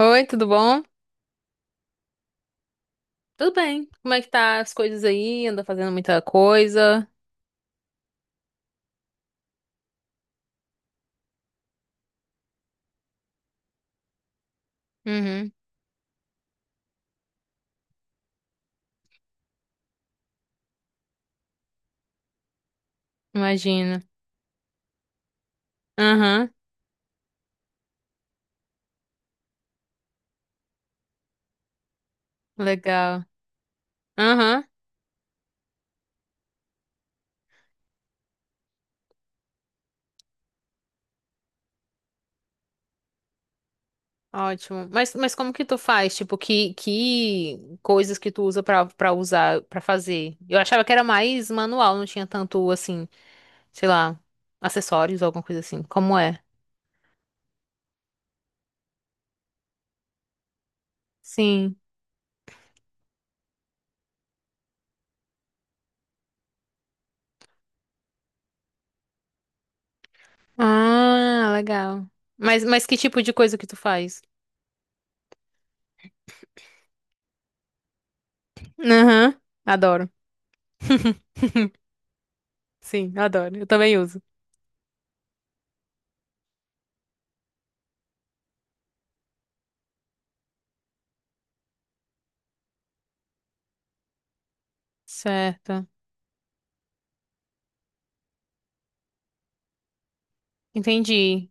Oi, tudo bom? Tudo bem. Como é que tá as coisas aí? Anda fazendo muita coisa? Uhum, imagino. Aham, legal. Aham, ótimo. Mas como que tu faz? Tipo, que coisas que tu usa pra usar, pra fazer? Eu achava que era mais manual, não tinha tanto, assim, sei lá, acessórios ou alguma coisa assim. Como é? Sim. Ah, legal. Mas que tipo de coisa que tu faz? Aham, adoro. Sim, adoro. Eu também uso. Certo. Entendi.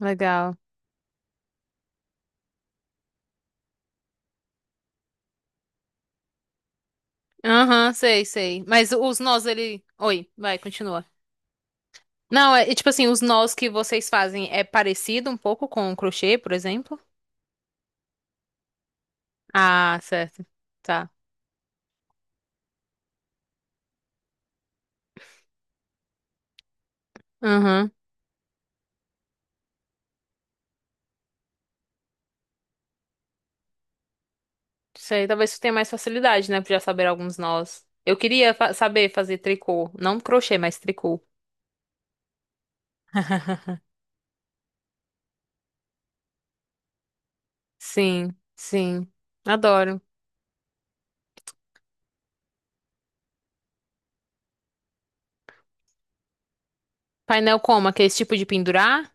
Legal. Aham, sei, sei. Mas os nós, ele. Oi, vai, continua. Não, é tipo assim, os nós que vocês fazem é parecido um pouco com o crochê, por exemplo? Ah, certo. Tá. Aham. Sei, talvez tu tenha mais facilidade, né, pra já saber alguns nós. Eu queria saber fazer tricô. Não crochê, mas tricô. Sim, sim. Adoro. Painel como? Aquele tipo de pendurar?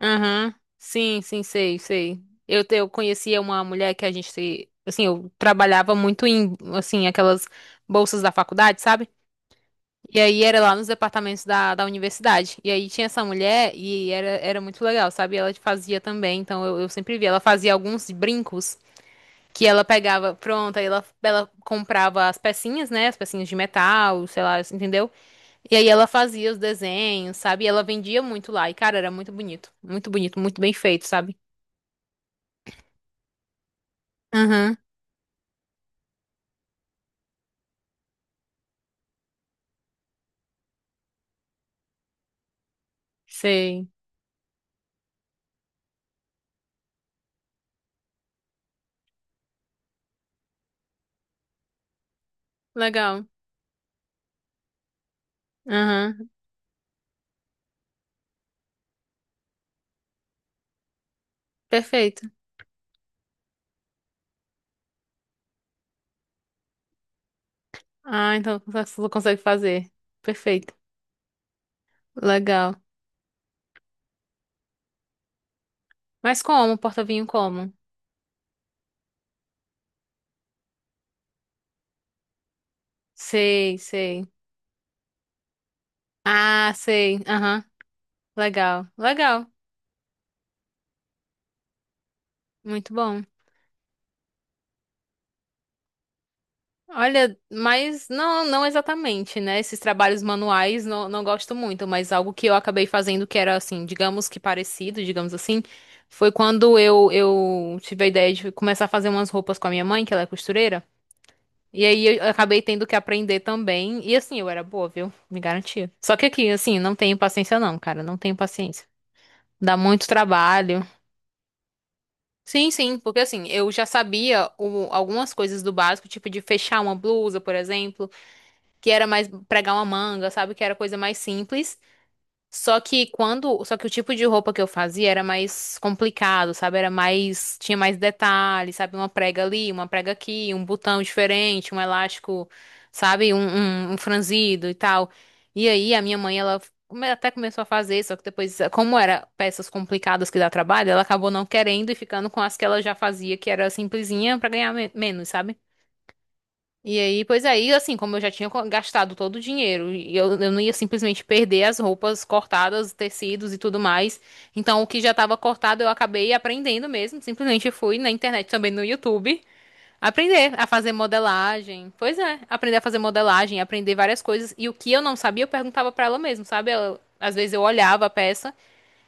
Aham. Sim, sim, sei, sei. Eu conhecia uma mulher que a gente, assim, eu trabalhava muito em, assim, aquelas bolsas da faculdade, sabe? E aí era lá nos departamentos da universidade. E aí tinha essa mulher e era muito legal, sabe? Ela fazia também, então eu sempre via. Ela fazia alguns brincos que ela pegava, pronto, aí ela comprava as pecinhas, né? As pecinhas de metal, sei lá, entendeu? E aí ela fazia os desenhos, sabe? E ela vendia muito lá. E, cara, era muito bonito. Muito bonito, muito bem feito, sabe? Aham, sei. Legal. Aham, perfeito. Ah, então você consegue fazer. Perfeito. Legal. Mas como? Porta-vinho como? Sei, sei. Ah, sei. Aham, legal. Legal. Muito bom. Olha, mas não, não exatamente, né? Esses trabalhos manuais não gosto muito, mas algo que eu acabei fazendo que era assim, digamos que parecido, digamos assim, foi quando eu tive a ideia de começar a fazer umas roupas com a minha mãe, que ela é costureira. E aí eu acabei tendo que aprender também. E assim, eu era boa, viu? Me garantia. Só que aqui, assim, não tenho paciência não, cara. Não tenho paciência. Dá muito trabalho. Sim, sim, porque assim, eu já sabia algumas coisas do básico, tipo de fechar uma blusa, por exemplo, que era mais pregar uma manga, sabe? Que era coisa mais simples. Só que o tipo de roupa que eu fazia era mais complicado, sabe? Era mais, tinha mais detalhes, sabe? Uma prega ali, uma prega aqui, um botão diferente, um elástico, sabe? Um franzido e tal. E aí a minha mãe, ela até começou a fazer, só que depois, como era peças complicadas que dá trabalho, ela acabou não querendo e ficando com as que ela já fazia, que era simplesinha pra ganhar menos, sabe? E aí, pois aí, assim, como eu já tinha gastado todo o dinheiro, e eu não ia simplesmente perder as roupas cortadas, tecidos e tudo mais. Então, o que já estava cortado, eu acabei aprendendo mesmo. Simplesmente fui na internet, também no YouTube, aprender a fazer modelagem. Pois é, aprender a fazer modelagem, aprender várias coisas. E o que eu não sabia, eu perguntava pra ela mesmo, sabe? Ela- às vezes eu olhava a peça.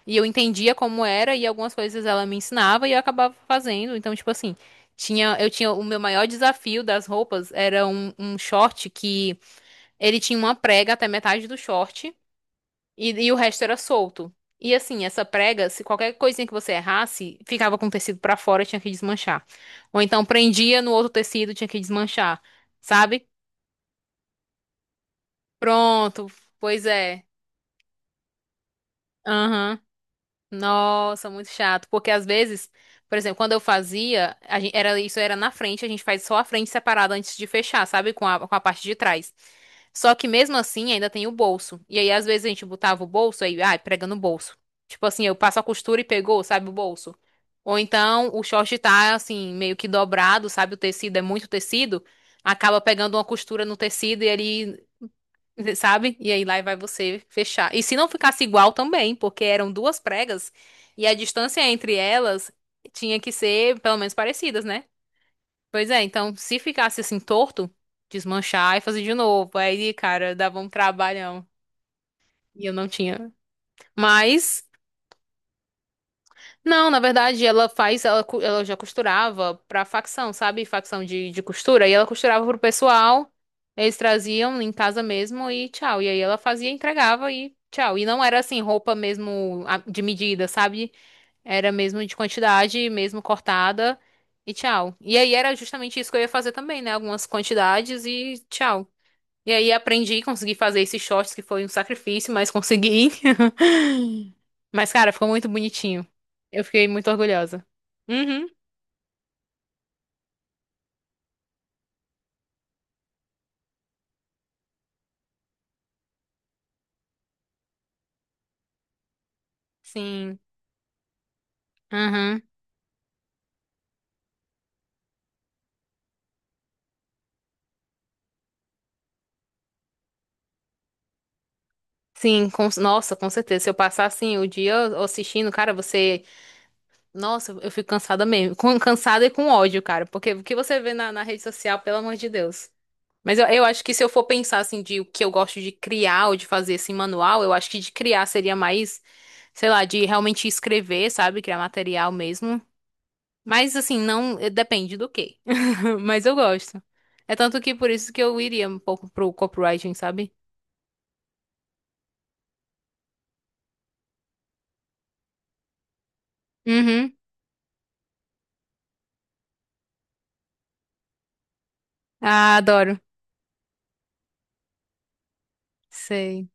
E eu entendia como era e algumas coisas ela me ensinava e eu acabava fazendo. Então, tipo assim, eu tinha o meu maior desafio das roupas era um short que ele tinha uma prega até metade do short e o resto era solto. E assim, essa prega, se qualquer coisinha que você errasse, ficava com o tecido pra fora, tinha que desmanchar. Ou então prendia no outro tecido, tinha que desmanchar. Sabe? Pronto, pois é. Aham. Nossa, muito chato. Porque às vezes, por exemplo, quando eu fazia, era, isso era na frente, a gente faz só a frente separada antes de fechar, sabe? Com com a parte de trás. Só que mesmo assim ainda tem o bolso. E aí, às vezes, a gente botava o bolso aí, ai, prega no bolso. Tipo assim, eu passo a costura e pegou, sabe, o bolso. Ou então o short tá assim, meio que dobrado, sabe? O tecido é muito tecido. Acaba pegando uma costura no tecido e ele sabe? E aí lá vai você fechar. E se não ficasse igual também, porque eram duas pregas e a distância entre elas tinha que ser pelo menos parecidas, né? Pois é, então se ficasse assim torto, desmanchar e fazer de novo. Aí, cara, dava um trabalhão. E eu não tinha. Mas não, na verdade, ela faz, ela, cu- ela já costurava pra facção, sabe? Facção de costura. E ela costurava pro pessoal, eles traziam em casa mesmo e tchau. E aí ela fazia, entregava e tchau. E não era assim, roupa mesmo de medida, sabe? Era mesmo de quantidade, mesmo cortada e tchau. E aí era justamente isso que eu ia fazer também, né? Algumas quantidades e tchau. E aí aprendi, consegui fazer esses shorts, que foi um sacrifício, mas consegui. Mas, cara, ficou muito bonitinho. Eu fiquei muito orgulhosa. Uhum, sim. Uhum. Sim, nossa, com certeza. Se eu passar assim o dia assistindo, cara, você. Nossa, eu fico cansada mesmo. Com, cansada e com ódio, cara. Porque o que você vê na, na rede social, pelo amor de Deus. Mas eu acho que se eu for pensar assim de o que eu gosto de criar ou de fazer assim manual, eu acho que de criar seria mais, sei lá, de realmente escrever, sabe? Criar material mesmo. Mas assim, não, depende do quê? Mas eu gosto. É tanto que por isso que eu iria um pouco pro copywriting, sabe? Uhum. Ah, adoro. Sei.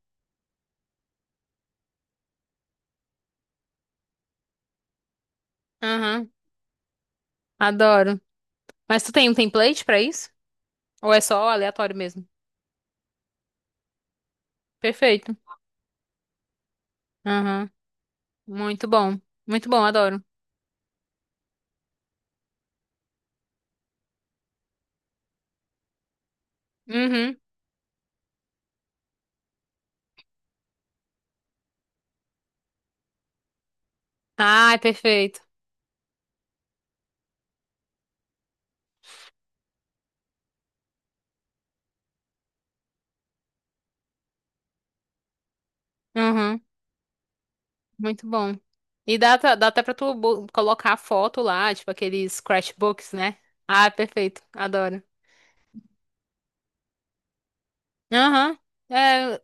Aham. Adoro. Mas tu tem um template pra isso? Ou é só aleatório mesmo? Perfeito. Aham. Muito bom. Muito bom, adoro. Uhum. Ai, perfeito. Uhum. Muito bom. E dá, dá até pra tu colocar a foto lá, tipo aqueles scratchbooks, né? Ah, é perfeito. Adoro. Aham. É,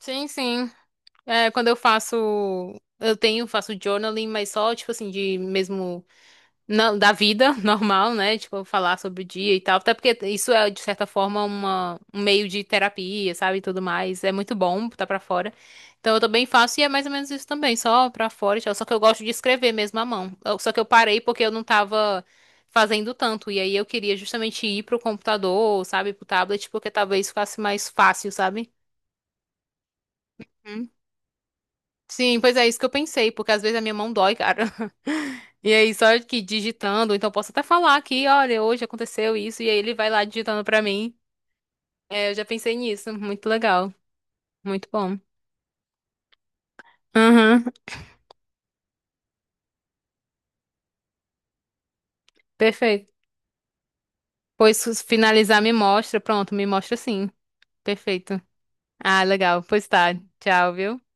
sim, sim. É, quando eu faço, eu tenho, faço journaling, mas só, tipo assim, de mesmo, não, da vida normal, né? Tipo, falar sobre o dia e tal. Até porque isso é, de certa forma, uma, um meio de terapia, sabe? E tudo mais. É muito bom botar pra fora. Então, eu também faço e é mais ou menos isso também, só pra fora e tal. Só que eu gosto de escrever mesmo à mão. Eu- Só que eu parei porque eu não tava fazendo tanto. E aí eu queria justamente ir pro computador, sabe? Pro tablet, porque talvez ficasse mais fácil, sabe? Sim, pois é isso que eu pensei, porque às vezes a minha mão dói, cara. E aí, só que digitando, então posso até falar aqui, olha, hoje aconteceu isso, e aí ele vai lá digitando pra mim. É, eu já pensei nisso, muito legal, muito bom. Uhum, perfeito. Pois se finalizar, me mostra, pronto, me mostra sim, perfeito. Ah, legal, pois tá, tchau, viu?